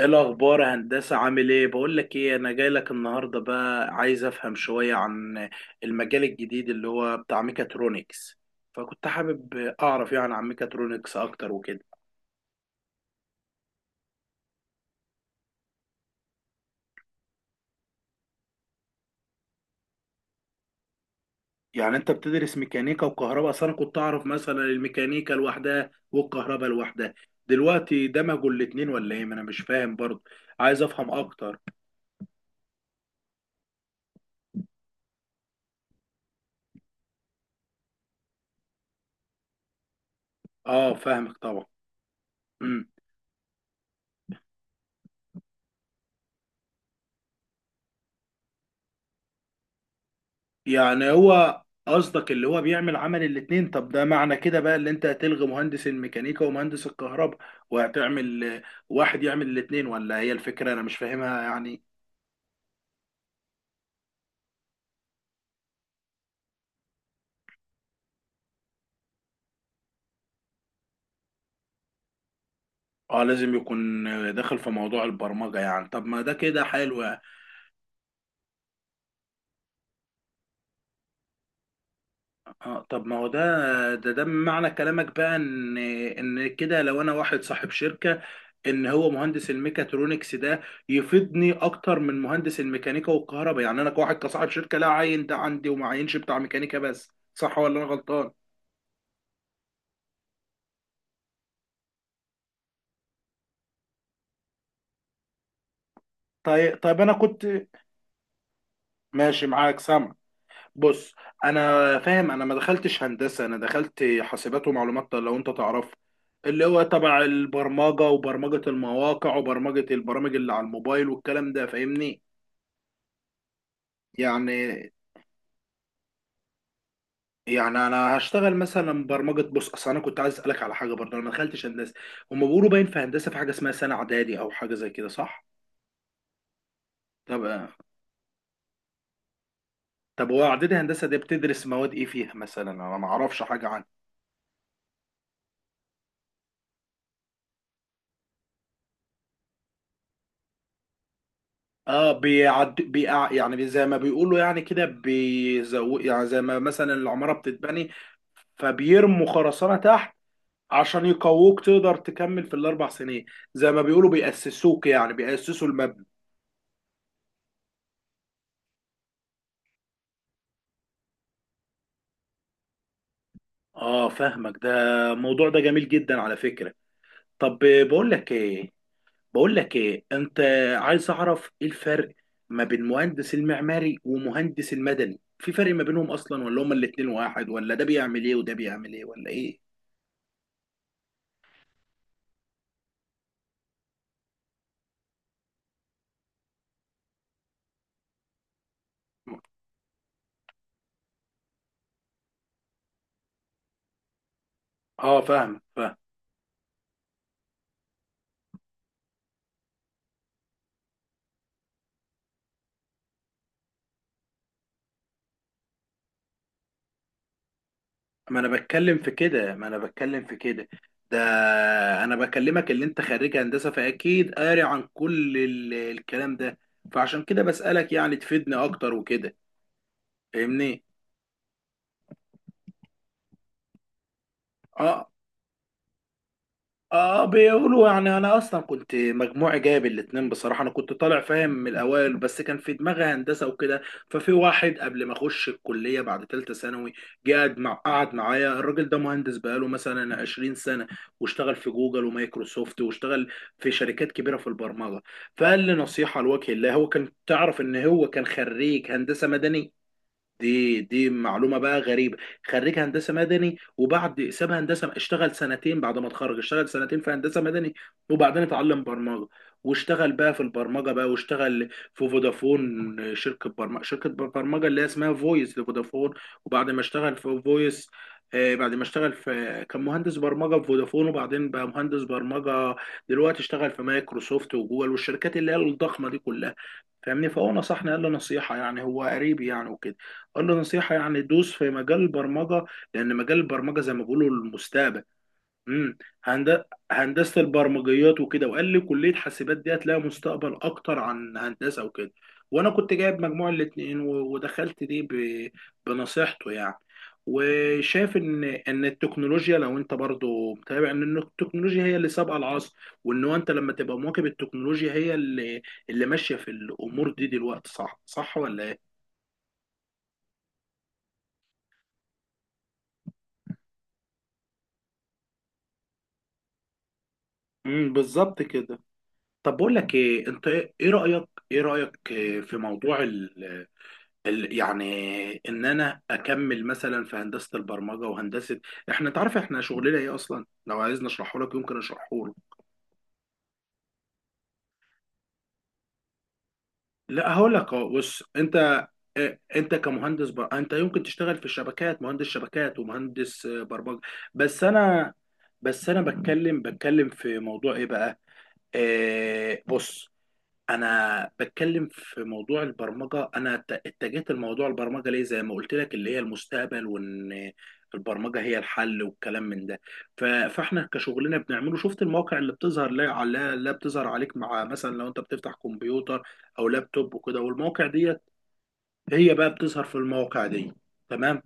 ايه الاخبار يا هندسه؟ عامل ايه؟ بقول لك ايه، انا جاي لك النهارده بقى عايز افهم شويه عن المجال الجديد اللي هو بتاع ميكاترونكس. فكنت حابب اعرف يعني عن ميكاترونكس اكتر وكده. يعني انت بتدرس ميكانيكا وكهرباء؟ اصل انا كنت اعرف مثلا الميكانيكا لوحدها والكهرباء لوحدها، دلوقتي دمجوا الاتنين ولا ايه؟ ما انا مش فاهم برضه، عايز افهم اكتر. اه فاهمك طبعا. يعني هو قصدك اللي هو بيعمل عمل الاتنين؟ طب ده معنى كده بقى اللي انت هتلغي مهندس الميكانيكا ومهندس الكهرباء وهتعمل واحد يعمل الاتنين، ولا هي الفكرة انا مش فاهمها يعني. اه لازم يكون داخل في موضوع البرمجة يعني. طب ما ده كده حلو. اه طب ما هو ده معنى كلامك بقى ان كده لو انا واحد صاحب شركة، ان هو مهندس الميكاترونكس ده يفيدني اكتر من مهندس الميكانيكا والكهرباء، يعني انا كواحد كصاحب شركة لا عين ده عندي وما عينش بتاع ميكانيكا بس، صح ولا انا غلطان؟ طيب انا كنت ماشي معاك سامع. بص انا فاهم، انا ما دخلتش هندسه، انا دخلت حاسبات ومعلومات لو انت تعرف، اللي هو تبع البرمجه وبرمجه المواقع وبرمجه البرامج اللي على الموبايل والكلام ده، فاهمني. يعني يعني انا هشتغل مثلا برمجه. بص اصل انا كنت عايز اسالك على حاجه برضه، انا ما دخلتش هندسه. هم بيقولوا باين في هندسه في حاجه اسمها سنه اعدادي او حاجه زي كده، صح؟ طب طب هو اعدادي هندسه دي بتدرس مواد ايه فيها مثلا؟ انا ما اعرفش حاجه عنها. اه بيعد بيقع يعني، زي ما بيقولوا يعني كده بيزو، يعني زي ما مثلا العمارة بتتبني فبيرموا خرسانة تحت عشان يقووك تقدر تكمل في الاربع سنين، زي ما بيقولوا بيأسسوك، يعني بيأسسوا المبنى. اه فاهمك، ده الموضوع ده جميل جدا على فكرة. طب بقول لك ايه، بقول لك ايه انت، عايز اعرف ايه الفرق ما بين مهندس المعماري ومهندس المدني؟ في فرق ما بينهم اصلا ولا هما الاتنين واحد؟ ولا ده بيعمل ايه وده بيعمل ايه ولا ايه؟ اه فاهم فاهم. ما انا بتكلم في كده ما انا بتكلم في كده ده انا بكلمك اللي انت خريج هندسه فاكيد قاري عن كل الكلام ده، فعشان كده بسألك يعني تفيدني اكتر وكده، فاهمني. اه اه بيقولوا يعني. انا اصلا كنت مجموعي جايب الاتنين بصراحه، انا كنت طالع فاهم من الاوائل بس كان في دماغي هندسه وكده. ففي واحد قبل ما اخش الكليه بعد ثالثه ثانوي، جه قعد معايا الراجل ده مهندس بقاله مثلا 20 سنه، واشتغل في جوجل ومايكروسوفت واشتغل في شركات كبيره في البرمجه. فقال لي نصيحه لوجه الله، هو كان تعرف ان هو كان خريج هندسه مدني، دي معلومه بقى غريبه، خريج هندسه مدني وبعد ساب هندسه اشتغل سنتين بعد ما اتخرج، اشتغل سنتين في هندسه مدني وبعدين اتعلم برمجه، واشتغل بقى في البرمجه بقى، واشتغل في فودافون، شركه برمجه اللي هي اسمها فويس لفودافون. وبعد ما اشتغل في فويس بعد ما اشتغل في، كان مهندس برمجه في فودافون وبعدين بقى مهندس برمجه دلوقتي اشتغل في مايكروسوفت وجوجل والشركات اللي هي الضخمه دي كلها، فاهمني. فهو نصحني، قال له نصيحة يعني، هو قريبي يعني وكده، قال له نصيحة يعني دوس في مجال البرمجة، لأن مجال البرمجة زي ما بيقولوا المستقبل. امم هند- هندسه البرمجيات وكده. وقال لي كليه حاسبات دي هتلاقي مستقبل اكتر عن هندسه وكده، وانا كنت جايب مجموع الاتنين ودخلت دي بنصيحته يعني. وشايف ان التكنولوجيا، لو انت برضو متابع ان التكنولوجيا هي اللي سابقه العصر، وان هو انت لما تبقى مواكب التكنولوجيا هي اللي ماشيه في الامور دي دلوقتي، صح ولا ايه؟ بالظبط كده. طب بقول لك ايه انت، إيه رايك، ايه رايك إيه في موضوع يعني ان انا اكمل مثلا في هندسه البرمجه وهندسه؟ احنا تعرف احنا شغلنا ايه اصلا؟ لو عايزني اشرحه لك يمكن اشرحه لك. لا هقول لك أهو، بص انت، إيه، انت كمهندس انت يمكن تشتغل في الشبكات، مهندس شبكات ومهندس برمجه. بس انا بس انا بتكلم في موضوع ايه بقى؟ إيه، بص، انا بتكلم في موضوع البرمجه، انا اتجهت لموضوع البرمجه ليه؟ زي ما قلت لك اللي هي المستقبل، وان البرمجه هي الحل والكلام من ده. فاحنا كشغلنا بنعمله، شفت المواقع اللي بتظهر، لا على لا بتظهر عليك مع مثلا لو انت بتفتح كمبيوتر او لابتوب وكده، والمواقع ديت هي بقى بتظهر في المواقع دي. تمام.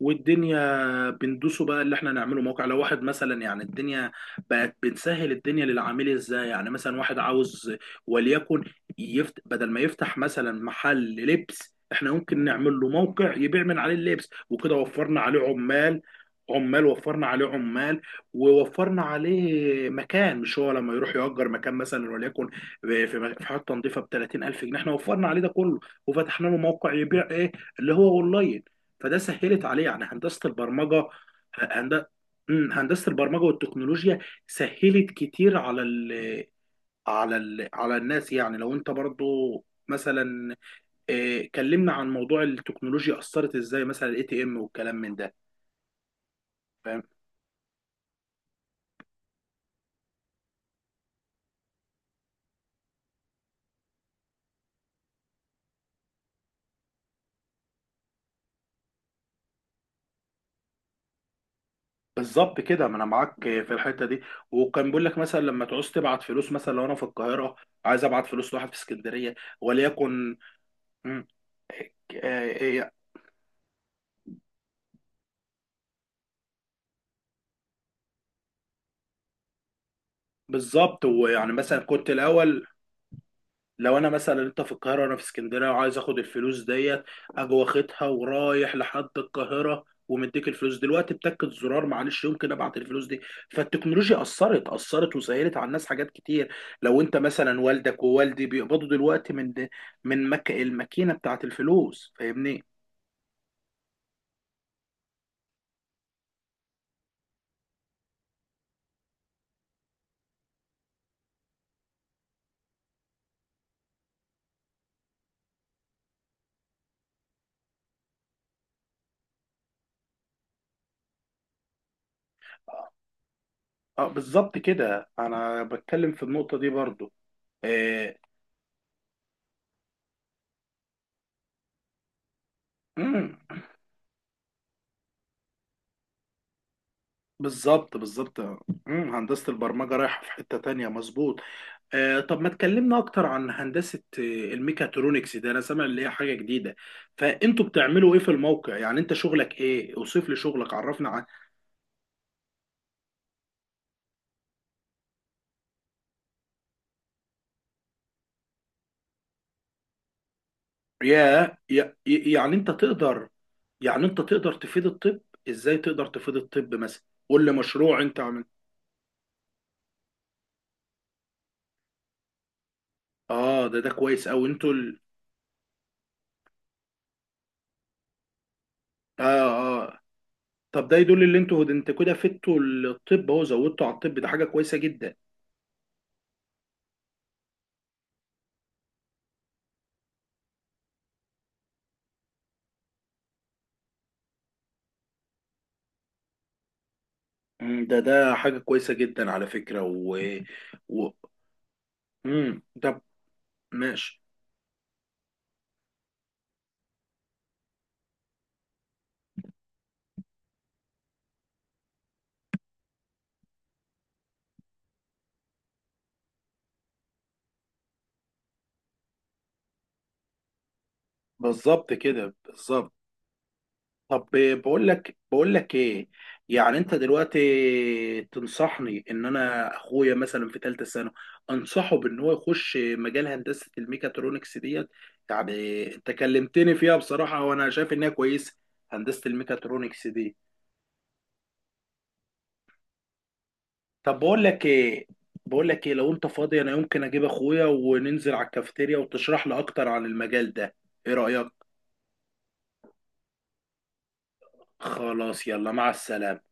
والدنيا بندوسه بقى اللي احنا نعمله موقع، لو واحد مثلا، يعني الدنيا بقت بنسهل الدنيا للعميل. ازاي؟ يعني مثلا واحد عاوز وليكن بدل ما يفتح مثلا محل لبس احنا ممكن نعمل له موقع يبيع من عليه اللبس وكده، وفرنا عليه عمال، عمال وفرنا عليه عمال ووفرنا عليه مكان، مش هو لما يروح يأجر مكان مثلا وليكن في حته نظيفه ب 30000 جنيه؟ احنا وفرنا عليه ده كله وفتحنا له موقع يبيع ايه، اللي هو اونلاين، فده سهلت عليه يعني هندسه البرمجه. هند... هندسه البرمجه والتكنولوجيا سهلت كتير على على الناس. يعني لو انت برضو مثلا، كلمنا عن موضوع التكنولوجيا اثرت ازاي، مثلا الاي تي ام والكلام من ده، فاهم. بالظبط كده، ما انا معاك في الحته دي. وكان بيقول لك مثلا لما تعوز تبعت فلوس، مثلا لو انا في القاهره عايز ابعت فلوس لواحد في اسكندريه وليكن، مم، آه، آه، بالظبط. ويعني مثلا كنت الاول لو انا مثلا، انت في القاهره وانا في اسكندريه وعايز اخد الفلوس ديت، اجي واخدها ورايح لحد القاهره ومديك الفلوس، دلوقتي بتكة زرار معلش يمكن ابعت الفلوس دي. فالتكنولوجيا اثرت وسهلت على الناس حاجات كتير. لو انت مثلا والدك ووالدي بيقبضوا دلوقتي من من الماكينه بتاعت الفلوس، فاهمني. اه بالظبط كده، انا بتكلم في النقطه دي برضو. آه، امم بالظبط هندسه البرمجه رايحه في حته تانية، مظبوط. طب ما تكلمنا اكتر عن هندسة الميكاترونكس ده، انا سامع اللي هي حاجة جديدة. فانتوا بتعملوا ايه في الموقع؟ يعني انت شغلك ايه؟ اوصف لي شغلك، عرفنا عن. يعني انت تقدر، يعني انت تقدر تفيد الطب؟ ازاي تقدر تفيد الطب مثلا؟ قول لي مشروع انت عمل. اه ده ده كويس قوي، انتوا اه اه. طب ده يدل ان انتوا، انت كده فدتوا الطب، اهو زودتوا على الطب، ده حاجة كويسة جدا. ده ده حاجة كويسة جدا على فكرة، و, و... ده ماشي. بالظبط كده بالظبط. طب بقول لك ايه، يعني انت دلوقتي تنصحني ان انا اخويا مثلا في ثالثه ثانوي انصحه بان هو يخش مجال هندسه الميكاترونكس ديت؟ يعني انت كلمتني فيها بصراحه وانا شايف انها كويسه، هندسه الميكاترونكس دي. طب بقول لك ايه، لو انت فاضي انا يمكن اجيب اخويا وننزل على الكافيتيريا وتشرح لي اكتر عن المجال ده، ايه رايك؟ خلاص يلا مع السلامه.